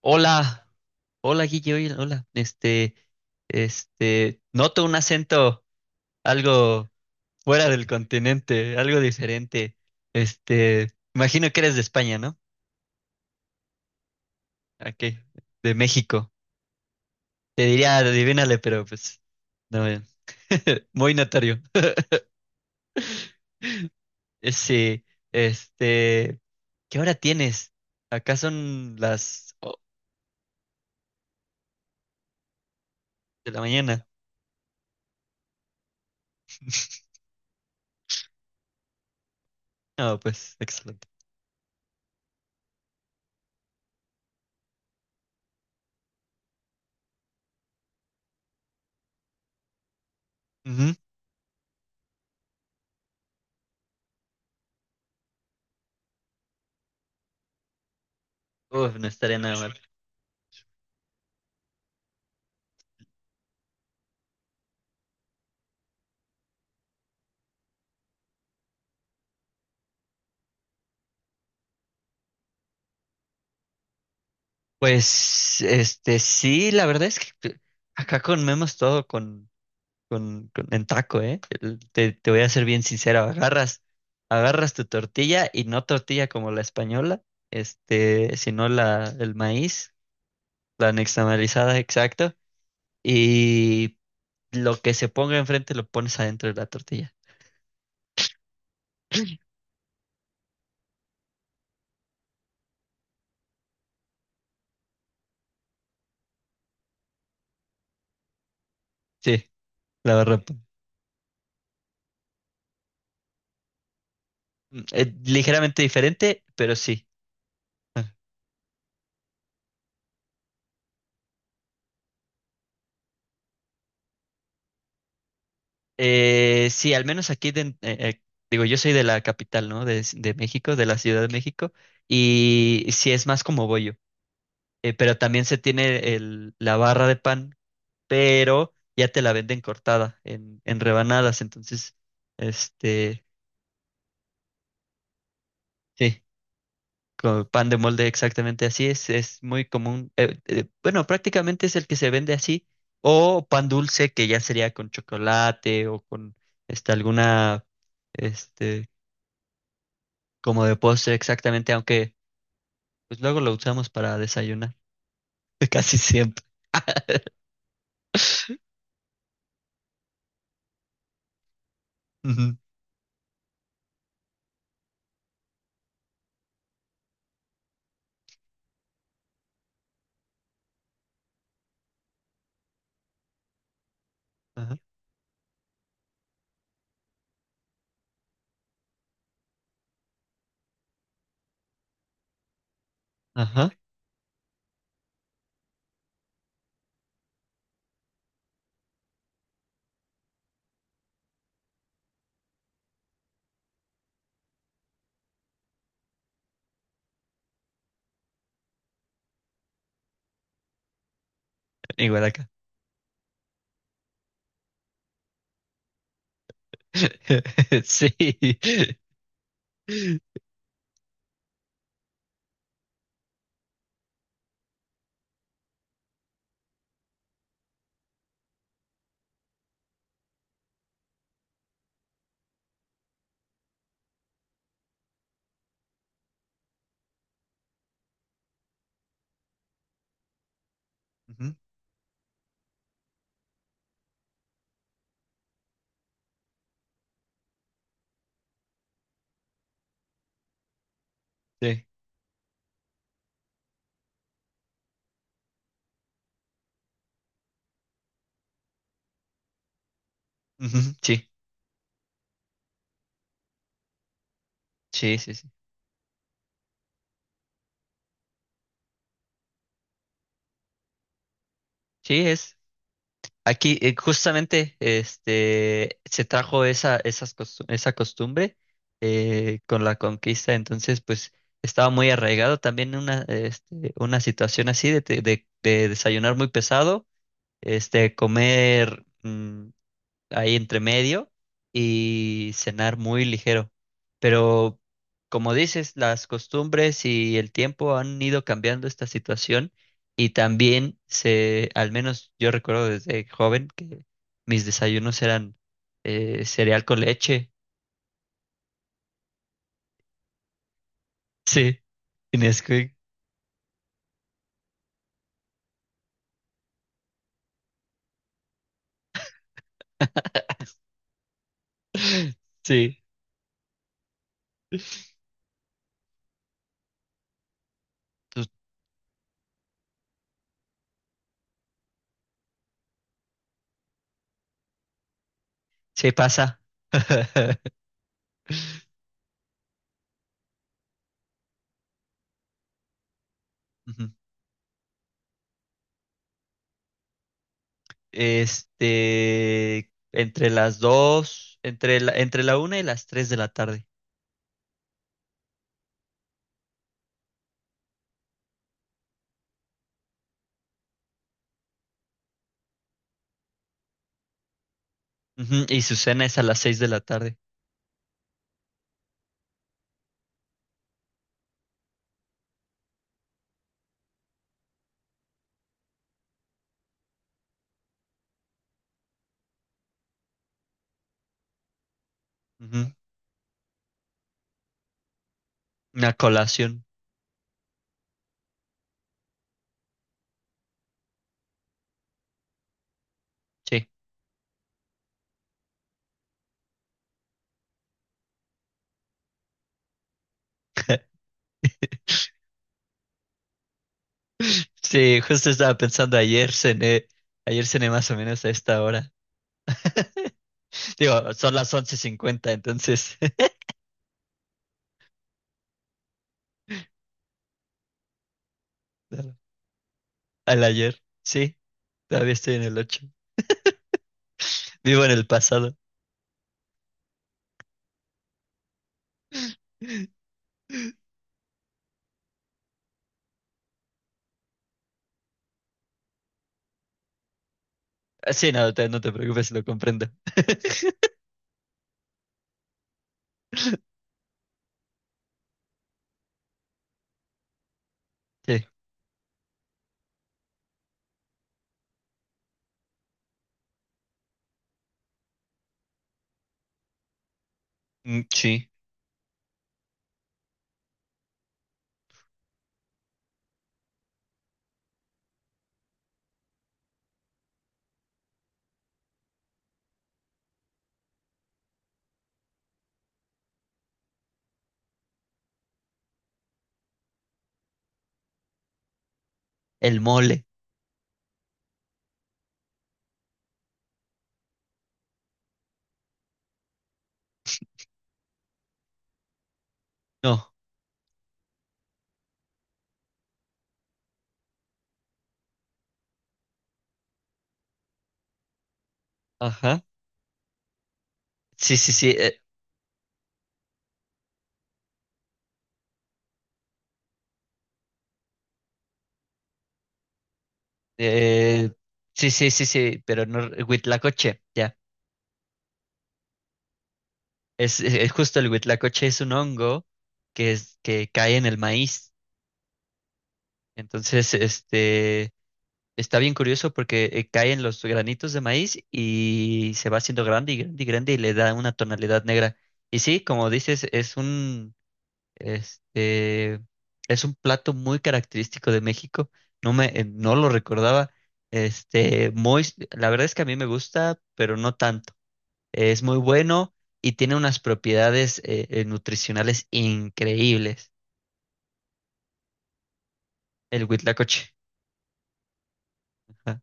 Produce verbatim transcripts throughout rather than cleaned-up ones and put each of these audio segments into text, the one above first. Hola, hola Guille, oye, hola. Este, este, noto un acento algo fuera del continente, algo diferente. Este, Imagino que eres de España, ¿no? Aquí, de México. Te diría, adivínale, pero pues, no, eh, muy notorio. Sí, este, ¿qué hora tienes? Acá son las oh, de la mañana. No, pues, excelente. Ujú. Uf, no estaría nada mal. Pues, este, sí, la verdad es que acá comemos todo con, con, con- en taco, ¿eh? El- Te, te voy a ser bien sincero, agarras, agarras tu tortilla y no tortilla como la española, este, sino la, el maíz, la nixtamalizada, exacto, y lo que se ponga enfrente lo pones adentro de la tortilla. Sí, la verdad. Mm, eh, ligeramente diferente, pero sí. Eh, sí, al menos aquí, de- eh, eh, digo, yo soy de la capital, ¿no? De, de México, de la Ciudad de México, y sí es más como bollo, eh, pero también se tiene el, la barra de pan, pero ya te la venden cortada en, en rebanadas, entonces, este, sí, con pan de molde exactamente así es, es muy común, eh, eh, bueno, prácticamente es el que se vende así, o pan dulce, que ya sería con chocolate o con, este, alguna... Este, Como de postre exactamente, aunque pues luego lo usamos para desayunar, casi siempre. Ujú, ajá, ajá, igual acá. Sí, ujú, sí. Ujú, sí, sí, sí, sí. Sí. es, Aquí eh, justamente este, se trajo esa, esas costu- esa costumbre eh, con la conquista, entonces pues estaba muy arraigado también una, este, una situación así de, te- de- de desayunar muy pesado, este, comer mm, ahí entre medio y cenar muy ligero. Pero como dices, las costumbres y el tiempo han ido cambiando esta situación y también se, al menos yo recuerdo desde joven que mis desayunos eran eh, cereal con leche. Sí, y Nesquik, sí, pues, sí pasa. Ujú. Este, entre las dos, entre la, entre la una y las tres de la tarde. Ujú. Y su cena es a las seis de la tarde. Ujú. Una colación. Sí. Sí, justo estaba pensando, ayer cené, ayer cené más o menos a esta hora. Digo, son las once cincuenta entonces. Claro, al ayer. Sí, todavía estoy en el ocho. Vivo en el pasado. Ah, sí, no, te- no te preocupes, lo comprendo. Sí, mm, sí. El mole. No, ajá. Sí, sí, sí. eh, eh, sí, sí, sí, sí, pero no, Huitlacoche, ya. Es, es- es justo el huitlacoche, es un hongo que, es, que cae en el maíz. Entonces, este, está bien curioso porque eh, cae en los granitos de maíz y se va haciendo grande y grande y grande y le da una tonalidad negra. Y sí, como dices, es un, este, es un plato muy característico de México. No me, eh, no lo recordaba. Este, muy, la verdad es que a mí me gusta, pero no tanto. Es muy bueno y tiene unas propiedades eh, eh, nutricionales increíbles. El huitlacoche. Ajá.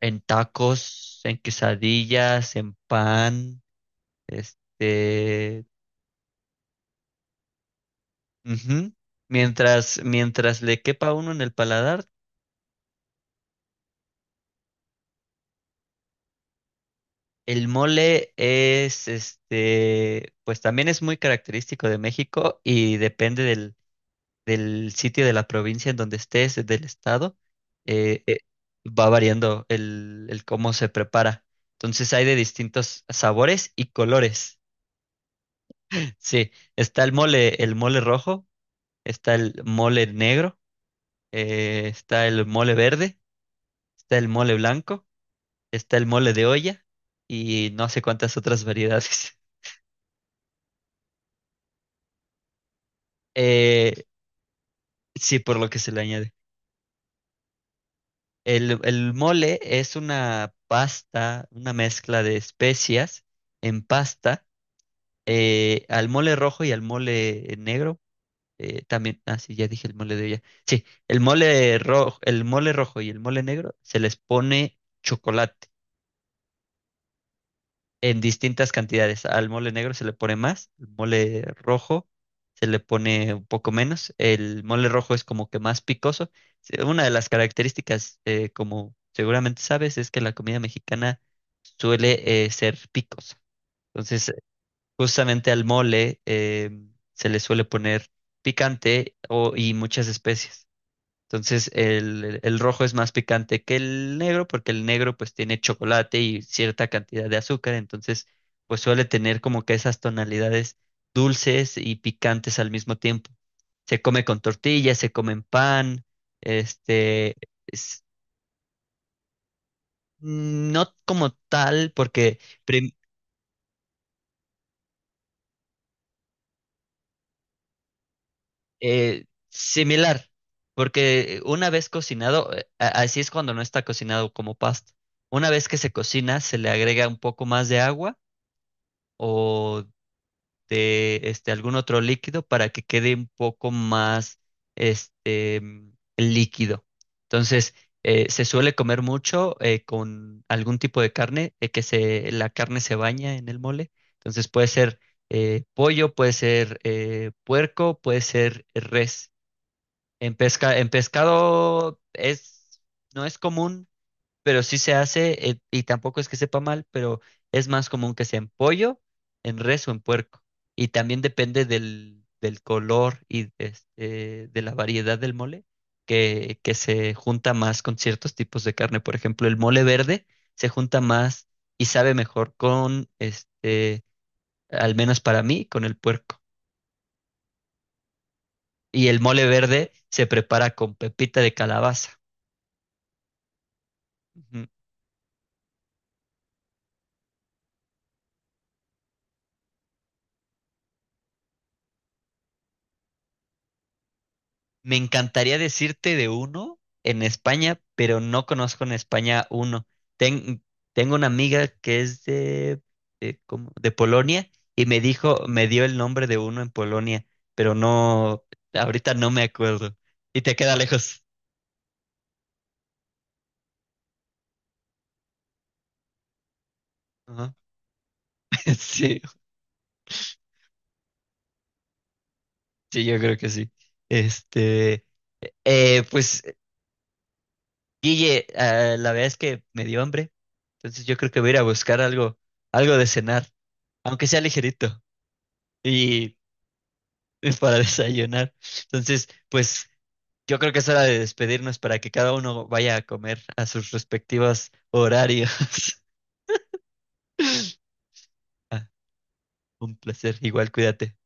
En tacos, en quesadillas, en pan, este... Ujú. Mientras, mientras le quepa a uno en el paladar, el mole es, este, pues también es muy característico de México y depende del del sitio de la provincia en donde estés, del estado, eh, eh, va variando el, el cómo se prepara. Entonces hay de distintos sabores y colores. Sí, está el mole, el mole rojo, está el mole negro, eh, está el mole verde, está el mole blanco, está el mole de olla y no sé cuántas otras variedades. Eh, sí, por lo que se le añade. El, el mole es una pasta, una mezcla de especias en pasta, eh, al mole rojo y al mole negro. Eh, también, ah, sí, ya dije el mole de ella. Sí, el mole rojo, el mole rojo y el mole negro se les pone chocolate en distintas cantidades. Al mole negro se le pone más, al mole rojo se le pone un poco menos. El mole rojo es como que más picoso. Se- Una de las características, eh, como seguramente sabes, es que la comida mexicana suele eh, ser picosa. Entonces, justamente al mole eh, se le suele poner picante o, y muchas especies. Entonces el, el rojo es más picante que el negro porque el negro pues tiene chocolate y cierta cantidad de azúcar, entonces pues suele tener como que esas tonalidades dulces y picantes al mismo tiempo. Se come con tortillas, se come en pan, este, es- no como tal porque prim- eh, similar, porque una vez cocinado, eh, a- así es cuando no está cocinado como pasta. Una vez que se cocina, se le agrega un poco más de agua o de este, algún otro líquido para que quede un poco más este, mm, líquido. Entonces, eh, se suele comer mucho eh, con algún tipo de carne, eh, que se, la carne se baña en el mole. Entonces, puede ser eh, pollo, puede ser eh, puerco, puede ser res. En pesca, en pescado es, no es común pero sí se hace, eh, y tampoco es que sepa mal, pero es más común que sea en pollo, en res o en puerco. Y también depende del, del color y este, de la variedad del mole, que, que se junta más con ciertos tipos de carne. Por ejemplo, el mole verde se junta más y sabe mejor con, este, al menos para mí, con el puerco. Y el mole verde se prepara con pepita de calabaza. Ujú. Me encantaría decirte de uno en España, pero no conozco en España uno. Ten- Tengo una amiga que es de, de, ¿cómo? De Polonia y me dijo, me dio el nombre de uno en Polonia, pero no, ahorita no me acuerdo. Y te queda lejos. Ajá. Sí, sí, yo creo que sí. Este, eh, pues, Guille, ah, la verdad es que me dio hambre, entonces yo creo que voy a ir a buscar algo, algo de cenar, aunque sea ligerito. Y para desayunar. Entonces, pues yo creo que es hora de despedirnos para que cada uno vaya a comer a sus respectivos horarios. Ah, un placer, igual cuídate.